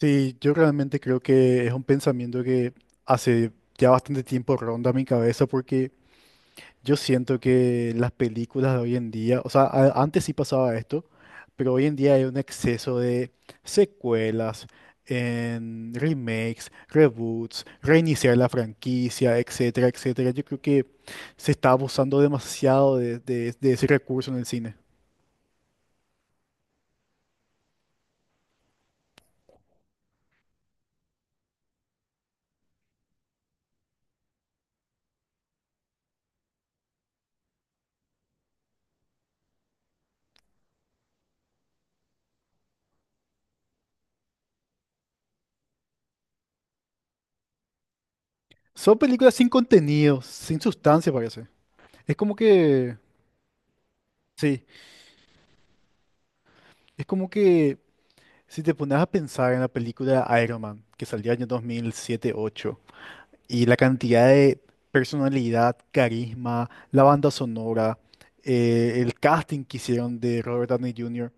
Sí, yo realmente creo que es un pensamiento que hace ya bastante tiempo ronda mi cabeza porque yo siento que las películas de hoy en día, o sea, antes sí pasaba esto, pero hoy en día hay un exceso de secuelas, en remakes, reboots, reiniciar la franquicia, etcétera, etcétera. Yo creo que se está abusando demasiado de, de ese recurso en el cine. Son películas sin contenido, sin sustancia, parece. Es como que... Sí. Es como que si te pones a pensar en la película Iron Man, que salió en el 2007 ocho y la cantidad de personalidad, carisma, la banda sonora, el casting que hicieron de Robert Downey Júnior,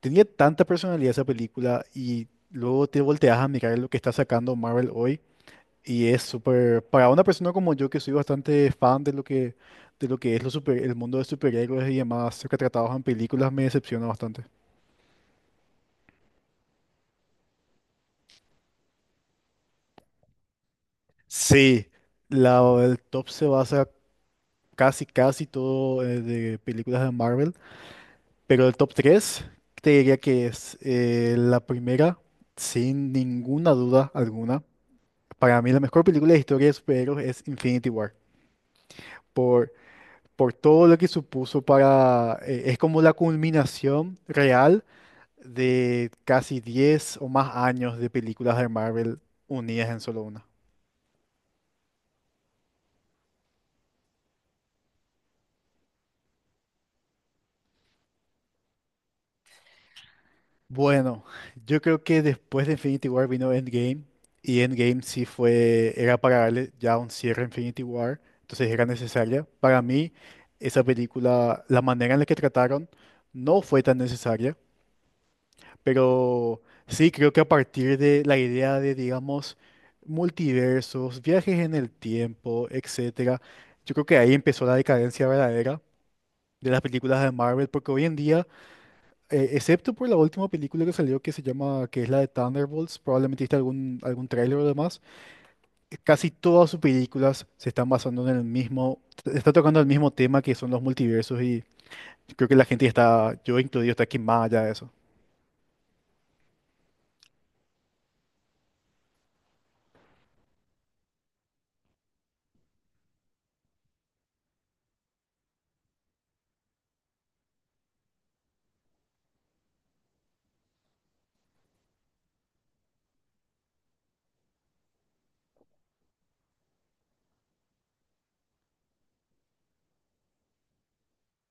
tenía tanta personalidad esa película y luego te volteas a mirar lo que está sacando Marvel hoy y es súper, para una persona como yo que soy bastante fan de lo que es lo el mundo de superhéroes y demás, lo que tratados en películas me decepciona bastante. Sí, la, el top se basa casi, casi todo de películas de Marvel, pero el top 3 te diría que es la primera, sin ninguna duda alguna. Para mí la mejor película de historia de superhéroes es Infinity War, por, por todo lo que supuso para... es como la culminación real de casi 10 o más años de películas de Marvel unidas en solo una. Bueno, yo creo que después de Infinity War vino Endgame y Endgame sí fue, era para darle ya un cierre a Infinity War, entonces era necesaria. Para mí, esa película, la manera en la que trataron no fue tan necesaria, pero sí creo que a partir de la idea de, digamos, multiversos, viajes en el tiempo, etcétera, yo creo que ahí empezó la decadencia verdadera de las películas de Marvel, porque hoy en día excepto por la última película que salió que se llama, que es la de Thunderbolts, probablemente viste algún, algún tráiler o demás, casi todas sus películas se están basando en el mismo, está tocando el mismo tema que son los multiversos y creo que la gente está, yo incluido, está quemada ya de eso.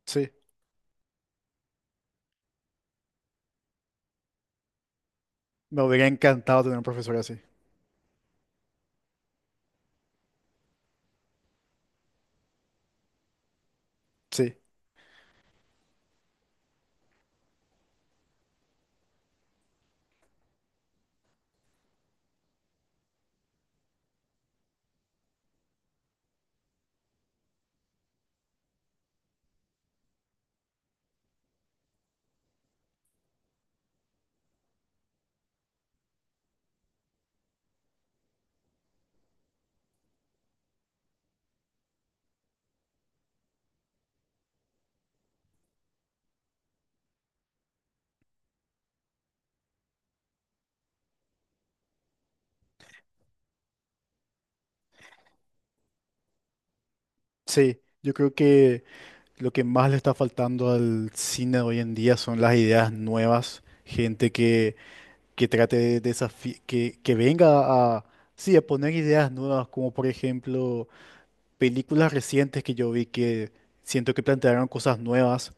Sí, me hubiera encantado tener un profesor así. Sí, sí. Yo creo que lo que más le está faltando al cine de hoy en día son las ideas nuevas, gente que trate de que venga a, sí, a poner ideas nuevas, como por ejemplo películas recientes que yo vi que siento que plantearon cosas nuevas,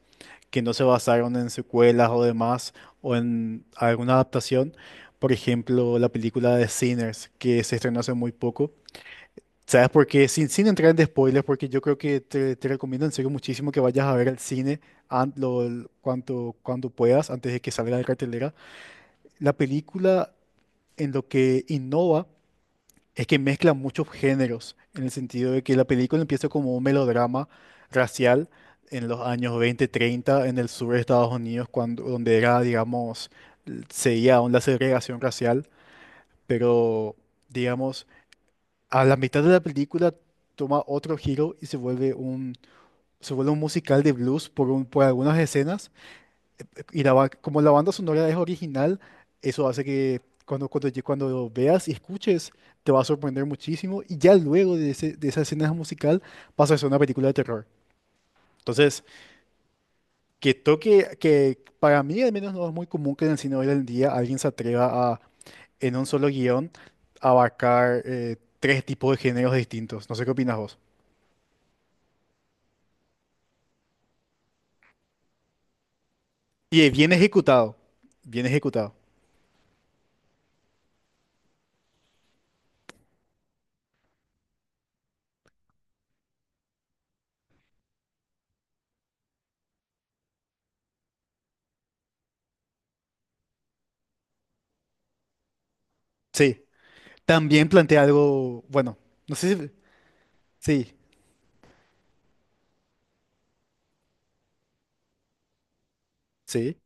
que no se basaron en secuelas o demás, o en alguna adaptación. Por ejemplo, la película de Sinners, que se estrenó hace muy poco. ¿Sabes por qué? Sin, sin entrar en spoilers, porque yo creo que te recomiendo en serio muchísimo que vayas a ver al cine cuanto, cuando puedas, antes de que salga de cartelera. La película en lo que innova es que mezcla muchos géneros, en el sentido de que la película empieza como un melodrama racial en los años 20, 30 en el sur de Estados Unidos, cuando, donde era, digamos, seguía aún la segregación racial, pero, digamos, a la mitad de la película toma otro giro y se vuelve un musical de blues por, por algunas escenas y la, como la banda sonora es original, eso hace que cuando, cuando, cuando veas y escuches, te va a sorprender muchísimo. Y ya luego de, de esa escena musical, pasa a ser una película de terror. Entonces, que toque, que para mí al menos no es muy común que en el cine hoy en día alguien se atreva a, en un solo guión, abarcar tres tipos de géneros distintos. No sé qué opinas vos. Y es bien ejecutado, bien ejecutado. Sí, también plantea algo, bueno, no sé si... Sí, sí,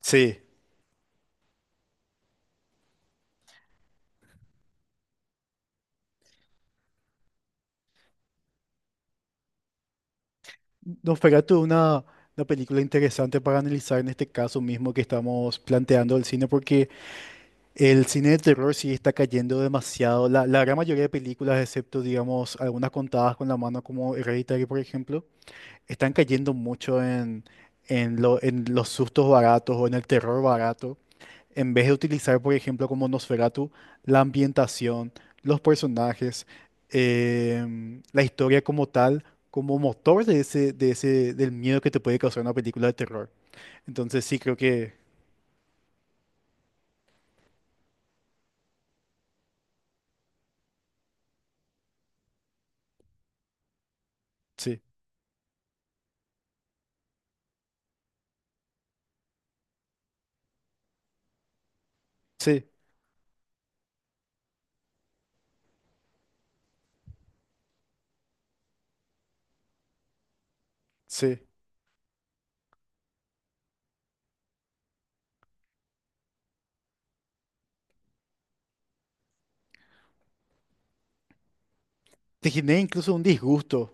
sí. Nos pegaste una película interesante para analizar en este caso mismo que estamos planteando el cine, porque el cine de terror sí está cayendo demasiado. La gran mayoría de películas, excepto, digamos, algunas contadas con la mano, como Hereditary, por ejemplo, están cayendo mucho en, en los sustos baratos o en el terror barato. En vez de utilizar, por ejemplo, como Nosferatu, la ambientación, los personajes, la historia como tal, como motor de ese, del miedo que te puede causar una película de terror. Entonces sí creo que sí, sí, sí. Te genera incluso un disgusto.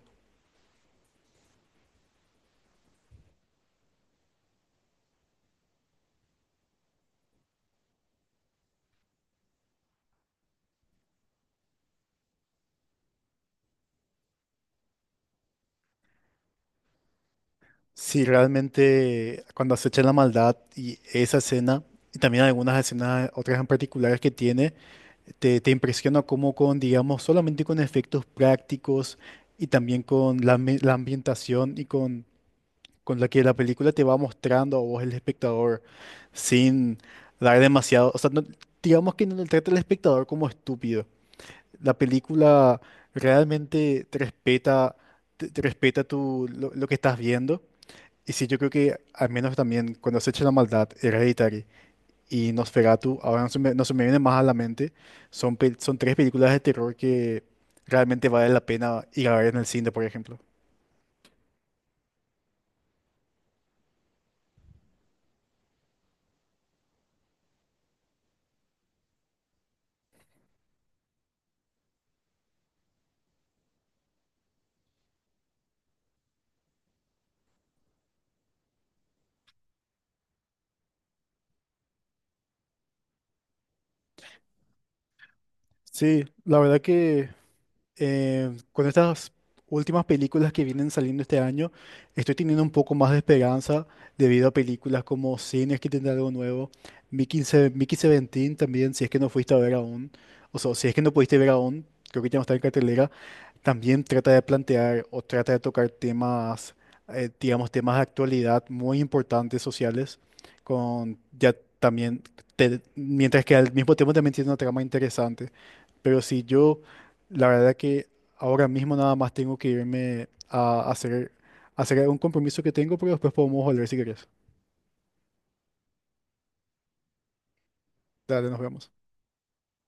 Sí, realmente cuando acechan la maldad y esa escena, y también algunas escenas, otras en particulares que tiene, te impresiona cómo con, digamos, solamente con efectos prácticos y también con la, la ambientación y con la que la película te va mostrando a vos el espectador sin dar demasiado, o sea, no- digamos que no le trata al espectador como estúpido. La película realmente te respeta, te respeta tu, lo que estás viendo y sí, yo creo que al menos también cuando se echa la maldad, Hereditary y Nosferatu, ahora no se me, no se me vienen más a la mente, son, son tres películas de terror que realmente vale la pena ir a ver en el cine, por ejemplo. Sí, la verdad que con estas últimas películas que vienen saliendo este año, estoy teniendo un poco más de esperanza debido a películas como Cines que tendrá algo nuevo, Mickey, Mickey 17 también, si es que no fuiste a ver aún, o sea, si es que no pudiste ver aún, creo que ya no está en cartelera. También trata de plantear o trata de tocar temas, digamos, temas de actualidad muy importantes sociales, con ya también, mientras que al mismo tiempo también tiene una trama interesante. Pero si yo, la verdad que ahora mismo nada más tengo que irme a hacer un compromiso que tengo, pero después podemos volver si querés. Dale, nos vemos.